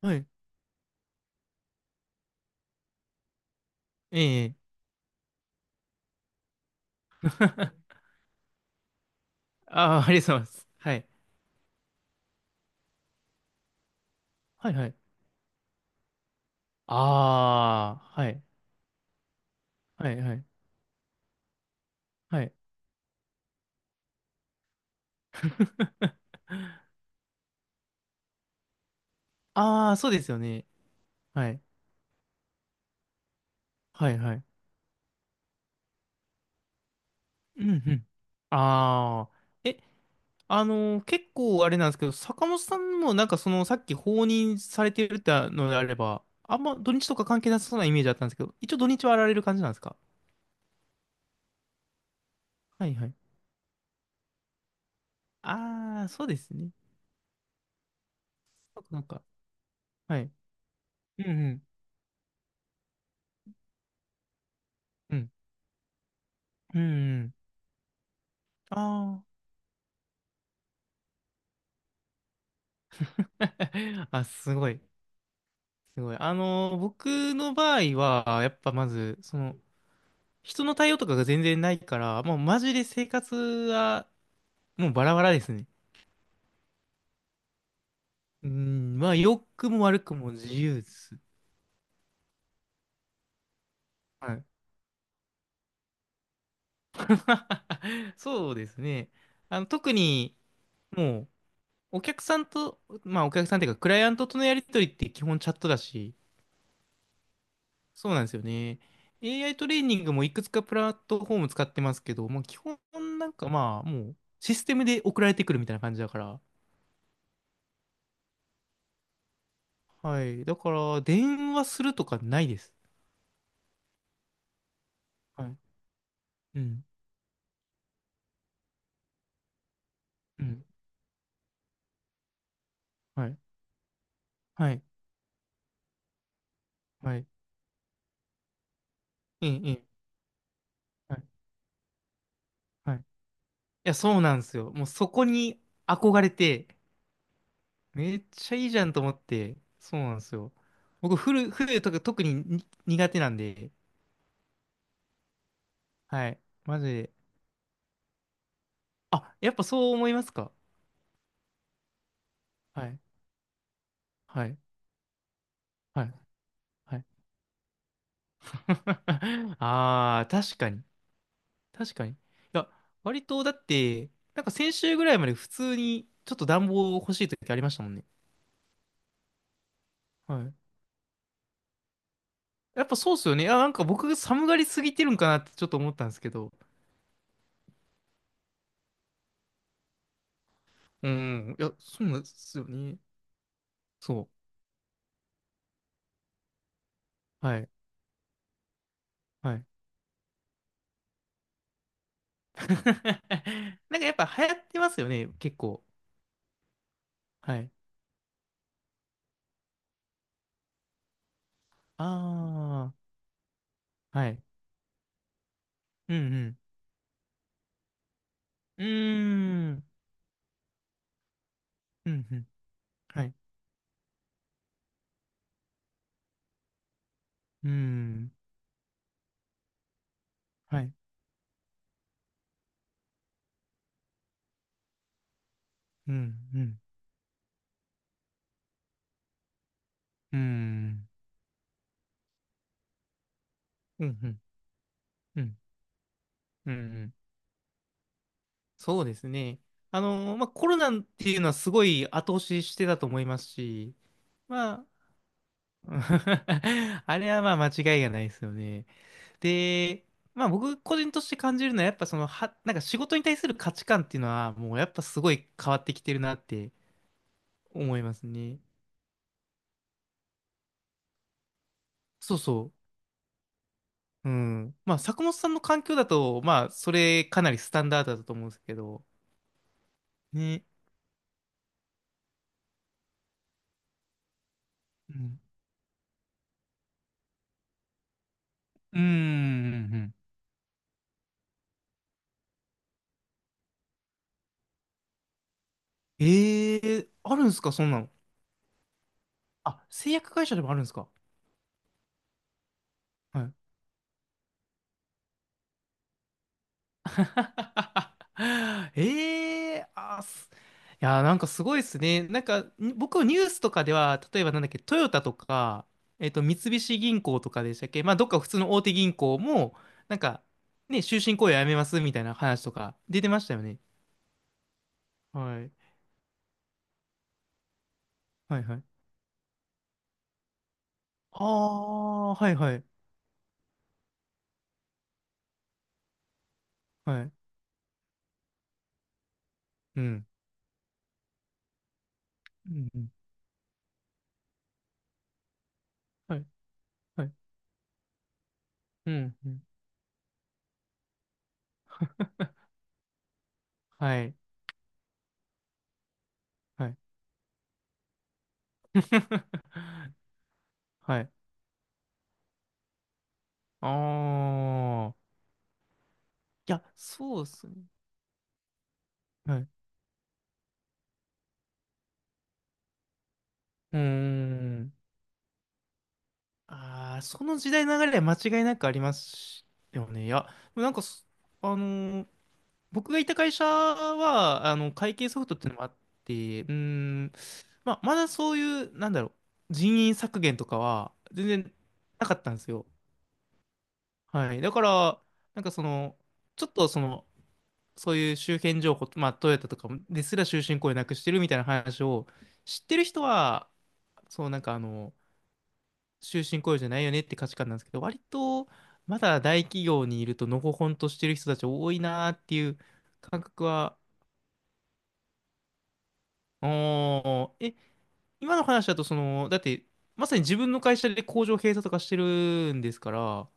はい。ええ。ああ、ありがとうございます。はい。はいはい。ああ、はい。はいはい。はい。ああ、そうですよね。はい。はいはい。うんうん。ああ。え、あのー結構あれなんですけど、坂本さんもなんかその、さっき放任されてるってのであれば、あんま土日とか関係なさそうなイメージだったんですけど、一応土日はやられる感じなんですか？はいはい。ああ、そうですね。なんか、はい。うんうん。うん。うんうん。ああ。あ、すごい。すごい。僕の場合は、やっぱまず、人の対応とかが全然ないから、もうマジで生活は、もうバラバラですね。うん、まあ、良くも悪くも自由です。はい。そうですね。特に、もう、お客さんと、まあ、お客さんっていうか、クライアントとのやりとりって基本チャットだし、そうなんですよね。AI トレーニングもいくつかプラットフォーム使ってますけど、もう基本なんかまあ、もう、システムで送られてくるみたいな感じだから、はい。だから、電話するとかないです。はい。うん。うん。はい。はい。はい。ええ、ええ。はい。はい。いや、そうなんですよ。もうそこに憧れて、めっちゃいいじゃんと思って、そうなんですよ。僕、フルとか特にに苦手なんで、はい。マジで。あ、やっぱそう思いますか？はい。はい。はい。はい。ああ、確かに。確かに。いや、割とだって、なんか先週ぐらいまで普通にちょっと暖房欲しい時ありましたもんね。はい。やっぱそうっすよね。いや、なんか僕が寒がりすぎてるんかなってちょっと思ったんですけど。うん。いや、そうなんですよね。そう。はい。はい。なんかやっぱ流行ってますよね。結構。はい。ああ。はい。うんうん。うーん。うんうん。はい。うーん。はい。うんうん。うーん。うんうん。うんうんうんうん。そうですね。まあ、コロナっていうのはすごい後押ししてたと思いますし、まあ、あれはまあ間違いがないですよね。で、まあ僕個人として感じるのはやっぱなんか仕事に対する価値観っていうのはもうやっぱすごい変わってきてるなって思いますね。そうそう。うん。まあ坂本さんの環境だと、まあそれかなりスタンダードだと思うんですけど、ね。うん。うん。うんうんうん。ええー、あるんですか、そんなの？あ、製薬会社でもあるんですか？はい。ええあ、いや、なんかすごいですね。なんか、に僕、ニュースとかでは、例えばなんだっけ、トヨタとか、三菱銀行とかでしたっけ？まあ、どっか普通の大手銀行も、なんか、ね、終身雇用やめますみたいな話とか出てましたよね。はい。はいはい。ああ、はいはい。はい。うん。うんうん。はい。はい。うん。うん。はい。はい。はい。ああ。いや、そうですね。はい。うーん。ああ、その時代の流れは間違いなくありますよね。いや、でもなんかそ、あのー僕がいた会社は、会計ソフトっていうのもあって、うーん、まあ、まだそういう、なんだろう、人員削減とかは全然なかったんですよ。はい。だから、なんかちょっとそういう周辺情報、まあ、トヨタとかですら終身雇用なくしてるみたいな話を知ってる人は、そう、なんか終身雇用じゃないよねって価値観なんですけど、割とまだ大企業にいるとのほほんとしてる人たち多いなーっていう感覚は、おー、今の話だとだってまさに自分の会社で工場閉鎖とかしてるんですから、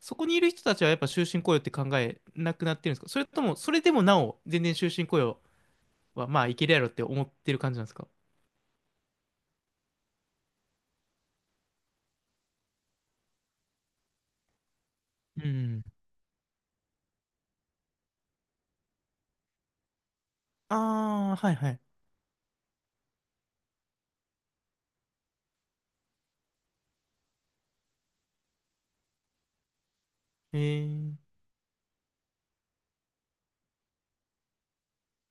そこにいる人たちはやっぱ終身雇用って考えなくなってるんですか？それとも、それでもなお全然終身雇用はまあいけるやろって思ってる感じなんですか？うん。ああ、はいはい。えー、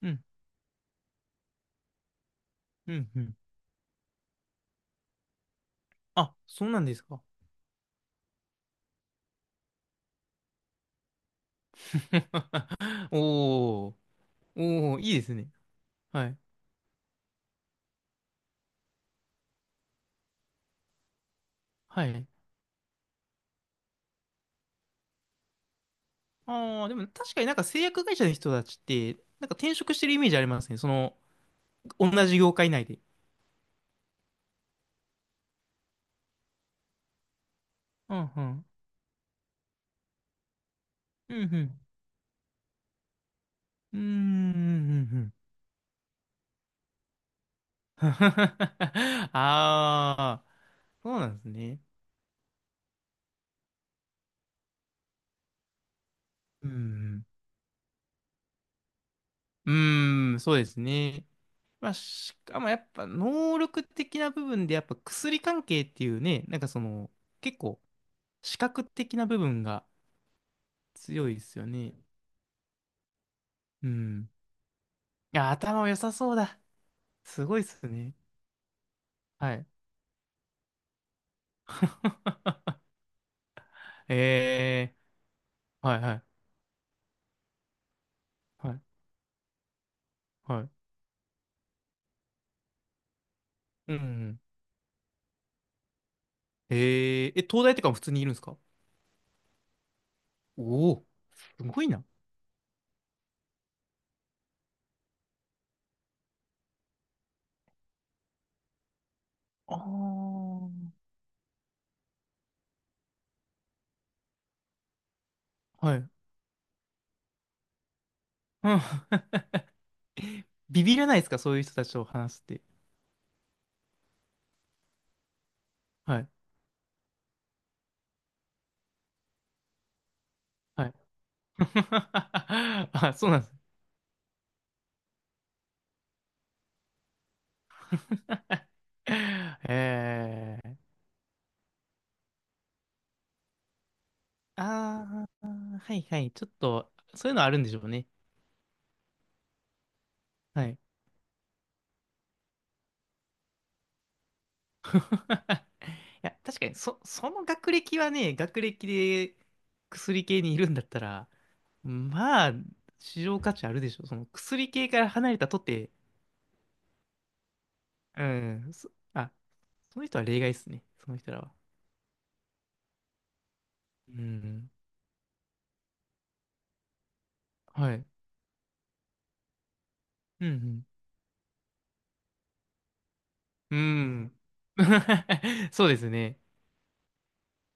うん、うん、うん。あ、そうなんですか。おー、おー、いいですね。はい。はい。ああ、でも確かになんか製薬会社の人たちって、なんか転職してるイメージありますね。同じ業界内で。うん、うん。うん、うん。うーん、うん、うん。うん。ああ、そうなんですね。うん、うん。うーん、そうですね。まあ、しかもやっぱ能力的な部分でやっぱ薬関係っていうね、なんか結構視覚的な部分が強いですよね。うん。いや、頭良さそうだ。すごいっすね。はい。えー、はいはい。はい。はい。うん。えー、東大とかも普通にいるんですか？おおー、すごいな。ああ。はい。うん。ビビらないですか、そういう人たちと話して？はい。はい。あ、そうなんです。えー。ああ、はいはい。ちょっと、そういうのあるんでしょうね。はい。いや、確かに、その学歴はね、学歴で薬系にいるんだったら、まあ、市場価値あるでしょ。その薬系から離れたとて、うん、その人は例外ですね。その人らは。うん、はい。うん、うん。うん。そうですね。